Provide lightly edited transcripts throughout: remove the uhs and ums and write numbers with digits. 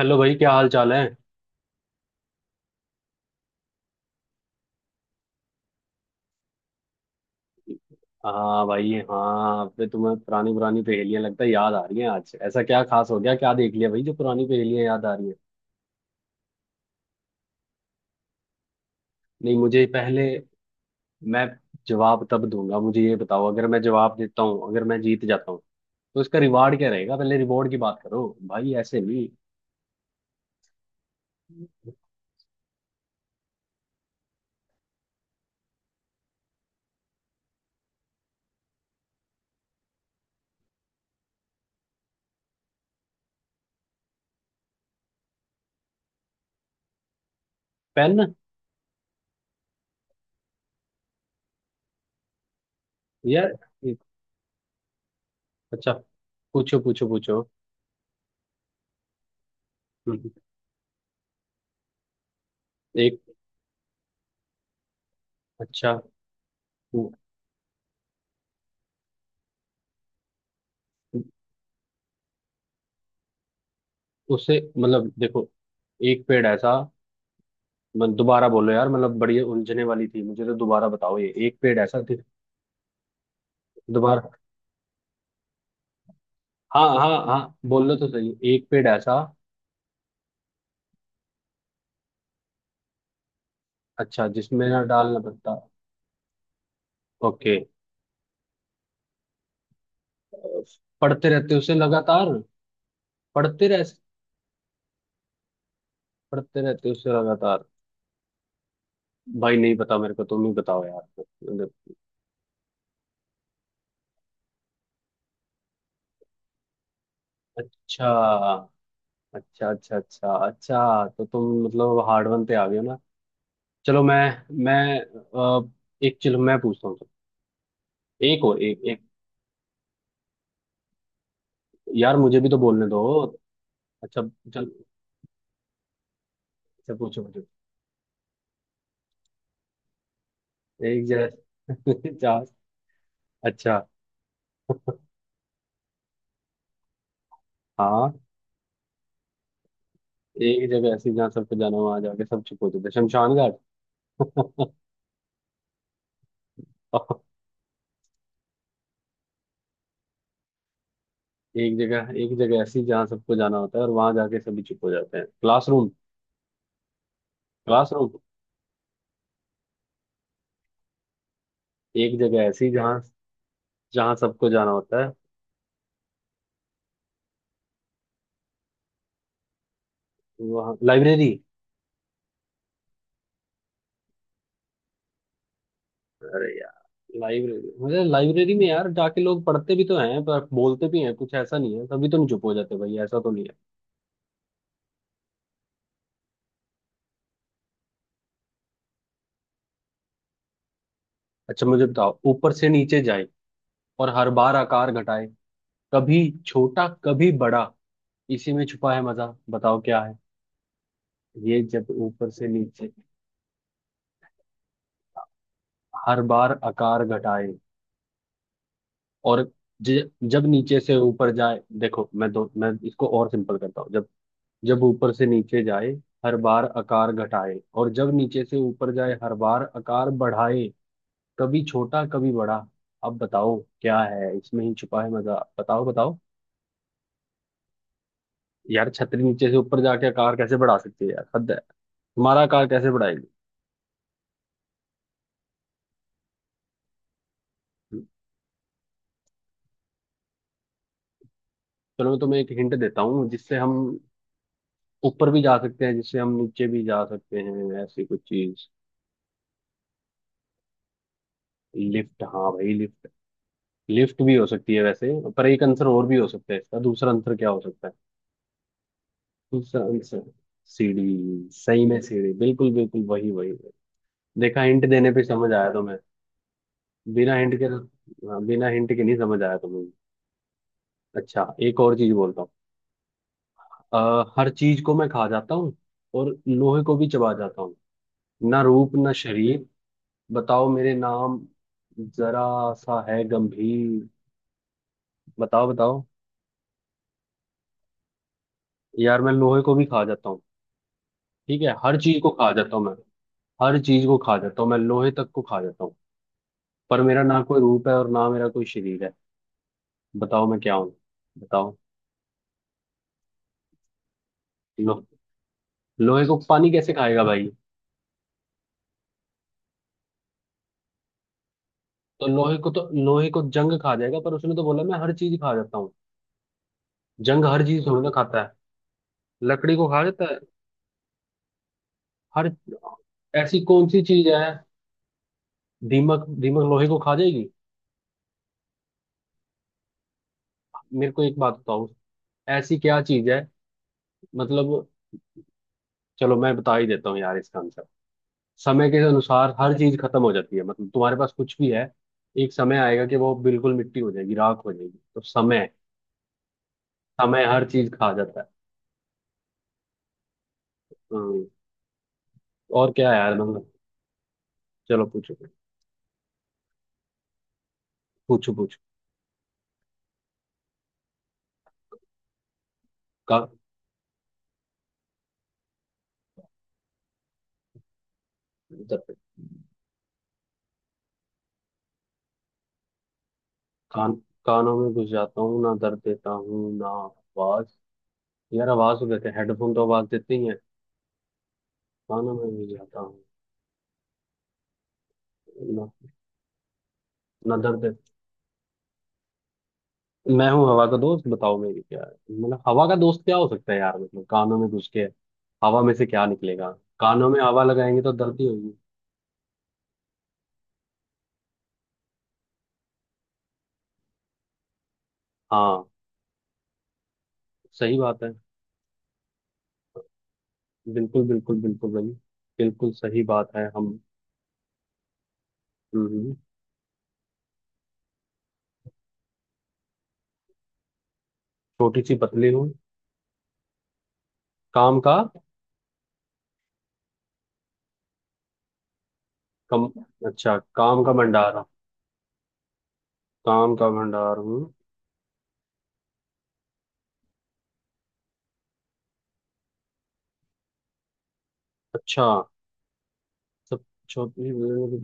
Hello भाई, क्या हाल चाल है। हाँ भाई हाँ, अब तो तुम्हें पुरानी पुरानी पहेलियां लगता है याद आ रही हैं। आज ऐसा क्या खास हो गया, क्या देख लिया भाई, जो पुरानी पहेलियां याद आ रही हैं। नहीं मुझे पहले, मैं जवाब तब दूंगा। मुझे ये बताओ, अगर मैं जवाब देता हूँ, अगर मैं जीत जाता हूँ तो इसका रिवार्ड क्या रहेगा। पहले रिवॉर्ड की बात करो भाई, ऐसे नहीं। पेन। यार एक- अच्छा, पूछो पूछो पूछो। हम्म, एक। अच्छा। उ- उसे मतलब, देखो, एक पेड़ ऐसा। मैं दोबारा बोलो यार, मतलब बड़ी उलझने वाली थी मुझे, तो दोबारा बताओ ये एक पेड़ ऐसा थी। दोबारा हाँ हाँ हाँ, बोलो तो सही, एक पेड़ ऐसा। अच्छा, जिसमें ना डालना पड़ता। ओके, पढ़ते रहते उसे लगातार। पढ़ते रह पढ़ते रहते उसे लगातार। भाई नहीं पता मेरे को, तुम ही बताओ यार, अच्छा अच्छा अच्छा अच्छा। अच्छा तो तुम मतलब हार्ड वन पे आ गए हो ना। चलो मैं अ, एक, चलो मैं पूछता हूँ तुमसे। एक और एक एक यार, मुझे भी तो बोलने दो। अच्छा चल। अच्छा पूछो मुझे। एक जगह जा। अच्छा हाँ। एक जगह ऐसी जहाँ सबको जाना, वहां जाके सब चुप हो जाते हैं। शमशान घाट। एक जगह ऐसी जहाँ सबको जाना होता है और वहां जाके सभी चुप हो जाते हैं। क्लासरूम। क्लासरूम एक जगह ऐसी जहाँ जहाँ सबको जाना होता है। वहाँ लाइब्रेरी। अरे यार, लाइब्रेरी मुझे लाइब्रेरी में यार जाके लोग पढ़ते भी तो हैं पर बोलते भी हैं, कुछ ऐसा नहीं है तभी तो नहीं चुप हो जाते भाई, ऐसा तो नहीं है। अच्छा मुझे बताओ, ऊपर से नीचे जाए और हर बार आकार घटाए, कभी छोटा कभी बड़ा, इसी में छुपा है मजा, बताओ क्या है। ये जब ऊपर से नीचे हर बार आकार घटाए और जब नीचे से ऊपर जाए, देखो मैं दो मैं इसको और सिंपल करता हूँ। जब जब ऊपर से नीचे जाए हर बार आकार घटाए और जब नीचे से ऊपर जाए हर बार आकार बढ़ाए, कभी छोटा कभी बड़ा, अब बताओ क्या है, इसमें ही छुपा है मजा, बताओ बताओ। यार छतरी नीचे से ऊपर जाके आकार कैसे बढ़ा सकती है यार, हद है। तुम्हारा कार कैसे बढ़ाएगी। चलो मैं तुम्हें एक हिंट देता हूँ, जिससे हम ऊपर भी जा सकते हैं, जिससे हम नीचे भी जा सकते हैं, ऐसी कुछ चीज। लिफ्ट, हाँ भाई लिफ्ट। लिफ्ट भी हो सकती है वैसे, पर एक आंसर और भी हो सकता है इसका, दूसरा आंसर क्या हो सकता है। दूसरा आंसर सीढ़ी, सही में सीढ़ी, बिल्कुल बिल्कुल, वही वही वही। देखा, हिंट देने पे समझ आया तुम्हें, बिना हिंट के। हाँ, बिना हिंट के नहीं समझ आया तुम्हें। अच्छा एक और चीज बोलता हूँ। हर चीज को मैं खा जाता हूँ और लोहे को भी चबा जाता हूँ, ना रूप ना शरीर, बताओ मेरे नाम, जरा सा है गंभीर, बताओ बताओ। यार मैं लोहे को भी खा जाता हूँ, ठीक है, हर चीज को खा जाता हूँ मैं। हर चीज को खा जाता हूँ मैं, लोहे तक को खा जाता हूँ, पर मेरा ना कोई रूप है और ना मेरा कोई शरीर है, बताओ मैं क्या हूँ, बताओ। लो, लोहे को पानी कैसे खाएगा भाई। तो लोहे को जंग खा जाएगा, पर उसने तो बोला मैं हर चीज खा जाता हूँ। जंग हर चीज थोड़ी ना खाता है, लकड़ी को खा जाता है। हर ऐसी कौन सी चीज है। दीमक दीमक लोहे को खा जाएगी। मेरे को एक बात बताओ, ऐसी क्या चीज है, मतलब। चलो मैं बता ही देता हूँ यार इसका आंसर। समय के अनुसार हर चीज खत्म हो जाती है, मतलब तुम्हारे पास कुछ भी है, एक समय आएगा कि वो बिल्कुल मिट्टी हो जाएगी, राख हो जाएगी, तो समय। समय हर चीज खा जाता है। हम्म, और क्या है यार, मतलब। चलो पूछो पूछो पूछो। का, दर्द- कान कानों में घुस जाता हूँ, ना दर्द देता हूँ ना आवाज। यार आवाज तो देते हैं, हेडफोन तो आवाज देते ही है। कानों में घुस जाता हूँ, ना ना दर्द। मैं हूँ हवा का दोस्त, बताओ मेरी क्या है। मतलब हवा का दोस्त क्या हो सकता है यार, मतलब कानों में घुस के हवा में से क्या निकलेगा। कानों में हवा लगाएंगे तो दर्द ही होगी। हाँ, सही बात है। बिल्कुल बिल्कुल बिल्कुल भाई, बिल्कुल सही बात है हम। हम्म, हम्म। छोटी सी पतली हूँ, काम का, कम अच्छा काम का भंडार, काम का भंडार हूँ। अच्छा, सब, छोटी,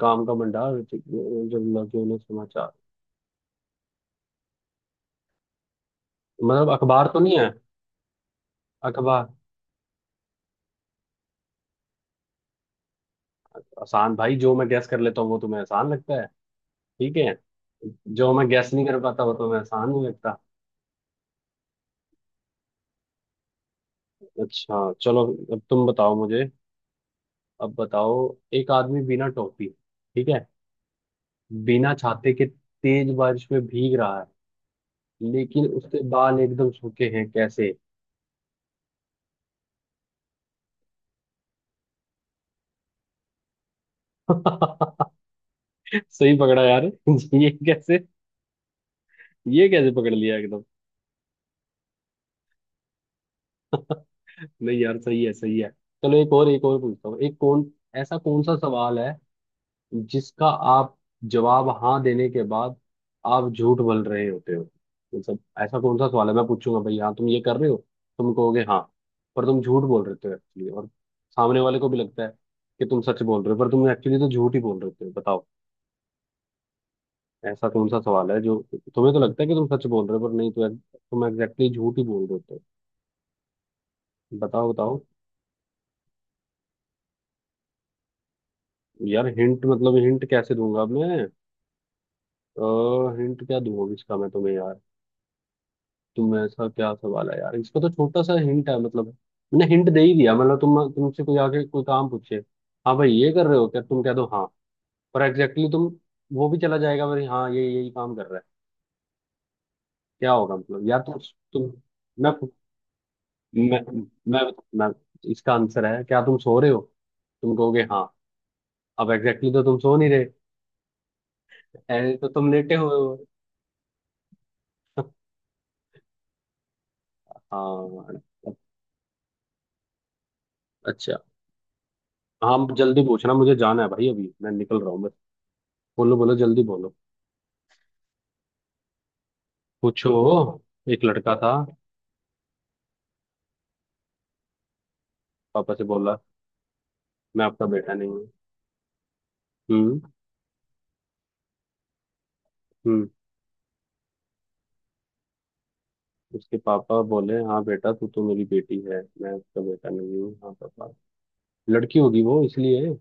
काम का भंडार जब लगे उन्हें समाचार। मतलब अखबार तो नहीं है। अखबार आसान भाई, जो मैं गैस कर लेता हूँ वो तुम्हें आसान लगता है, ठीक है। जो मैं गैस नहीं कर पाता वो तुम्हें आसान नहीं लगता। अच्छा चलो, अब तुम बताओ मुझे, अब बताओ। एक आदमी बिना टोपी, ठीक है, बिना छाते के तेज बारिश में भीग रहा है, लेकिन उसके बाल एकदम सूखे हैं, कैसे। सही पकड़ा यार। ये कैसे, ये कैसे पकड़ लिया एकदम। नहीं यार, सही है सही है। चलो एक और, एक और पूछता हूँ। एक कौन ऐसा कौन सा सवाल है जिसका आप जवाब हाँ देने के बाद आप झूठ बोल रहे होते हो, मतलब ऐसा कौन सा सवाल है, मैं पूछूंगा भाई हाँ तुम ये कर रहे हो, तुम कहोगे हाँ, पर तुम झूठ बोल रहे हो एक्चुअली, और सामने वाले को भी लगता है कि तुम सच बोल रहे हो, पर तुम एक्चुअली तो झूठ ही बोल रहे होते हो, बताओ ऐसा कौन सा सवाल है जो तुम्हें तो लगता है कि तुम सच बोल रहे हो, पर नहीं तो, तुम एग्जैक्टली झूठ ही बोल रहे होते हो, बताओ बताओ। यार हिंट, मतलब हिंट कैसे दूंगा अब मैं, हिंट क्या दूंगा इसका मैं तुम्हें यार, तुम ऐसा क्या सवाल है यार, इसका तो छोटा सा हिंट है, मतलब मैंने हिंट दे ही दिया। मतलब तुमसे कोई आके कोई काम पूछे, हाँ भाई ये कर रहे हो क्या, तुम कह दो हाँ, पर एग्जैक्टली exactly तुम वो भी चला जाएगा भाई, हाँ ये यही काम कर रहा है, क्या होगा मतलब यार। तुम मैं मैं मैं, मैं इसका आंसर है, क्या तुम सो रहे हो, तुम कहोगे हाँ, अब एग्जैक्टली exactly तो तुम सो नहीं रहे, ऐसे तो तुम लेटे हुए हो। हाँ। अच्छा। हाँ जल्दी पूछना, मुझे जाना है भाई, अभी मैं निकल रहा हूँ बस, बोलो बोलो जल्दी बोलो। पूछो। एक लड़का था, पापा से बोला मैं आपका बेटा नहीं हूँ। हम्म, हम्म। उसके पापा बोले हाँ बेटा तू तो मेरी बेटी है, मैं उसका बेटा नहीं हूँ हाँ पापा, लड़की होगी वो इसलिए।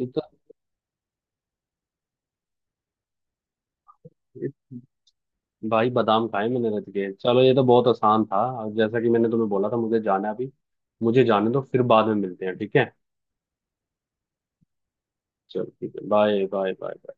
ये तो ये- भाई बादाम खाए मैंने रच के, चलो ये तो बहुत आसान था। और जैसा कि मैंने तुम्हें बोला था, मुझे जाना है अभी, मुझे जाने दो, फिर बाद में मिलते हैं, ठीक है। चलो ठीक है, बाय बाय बाय।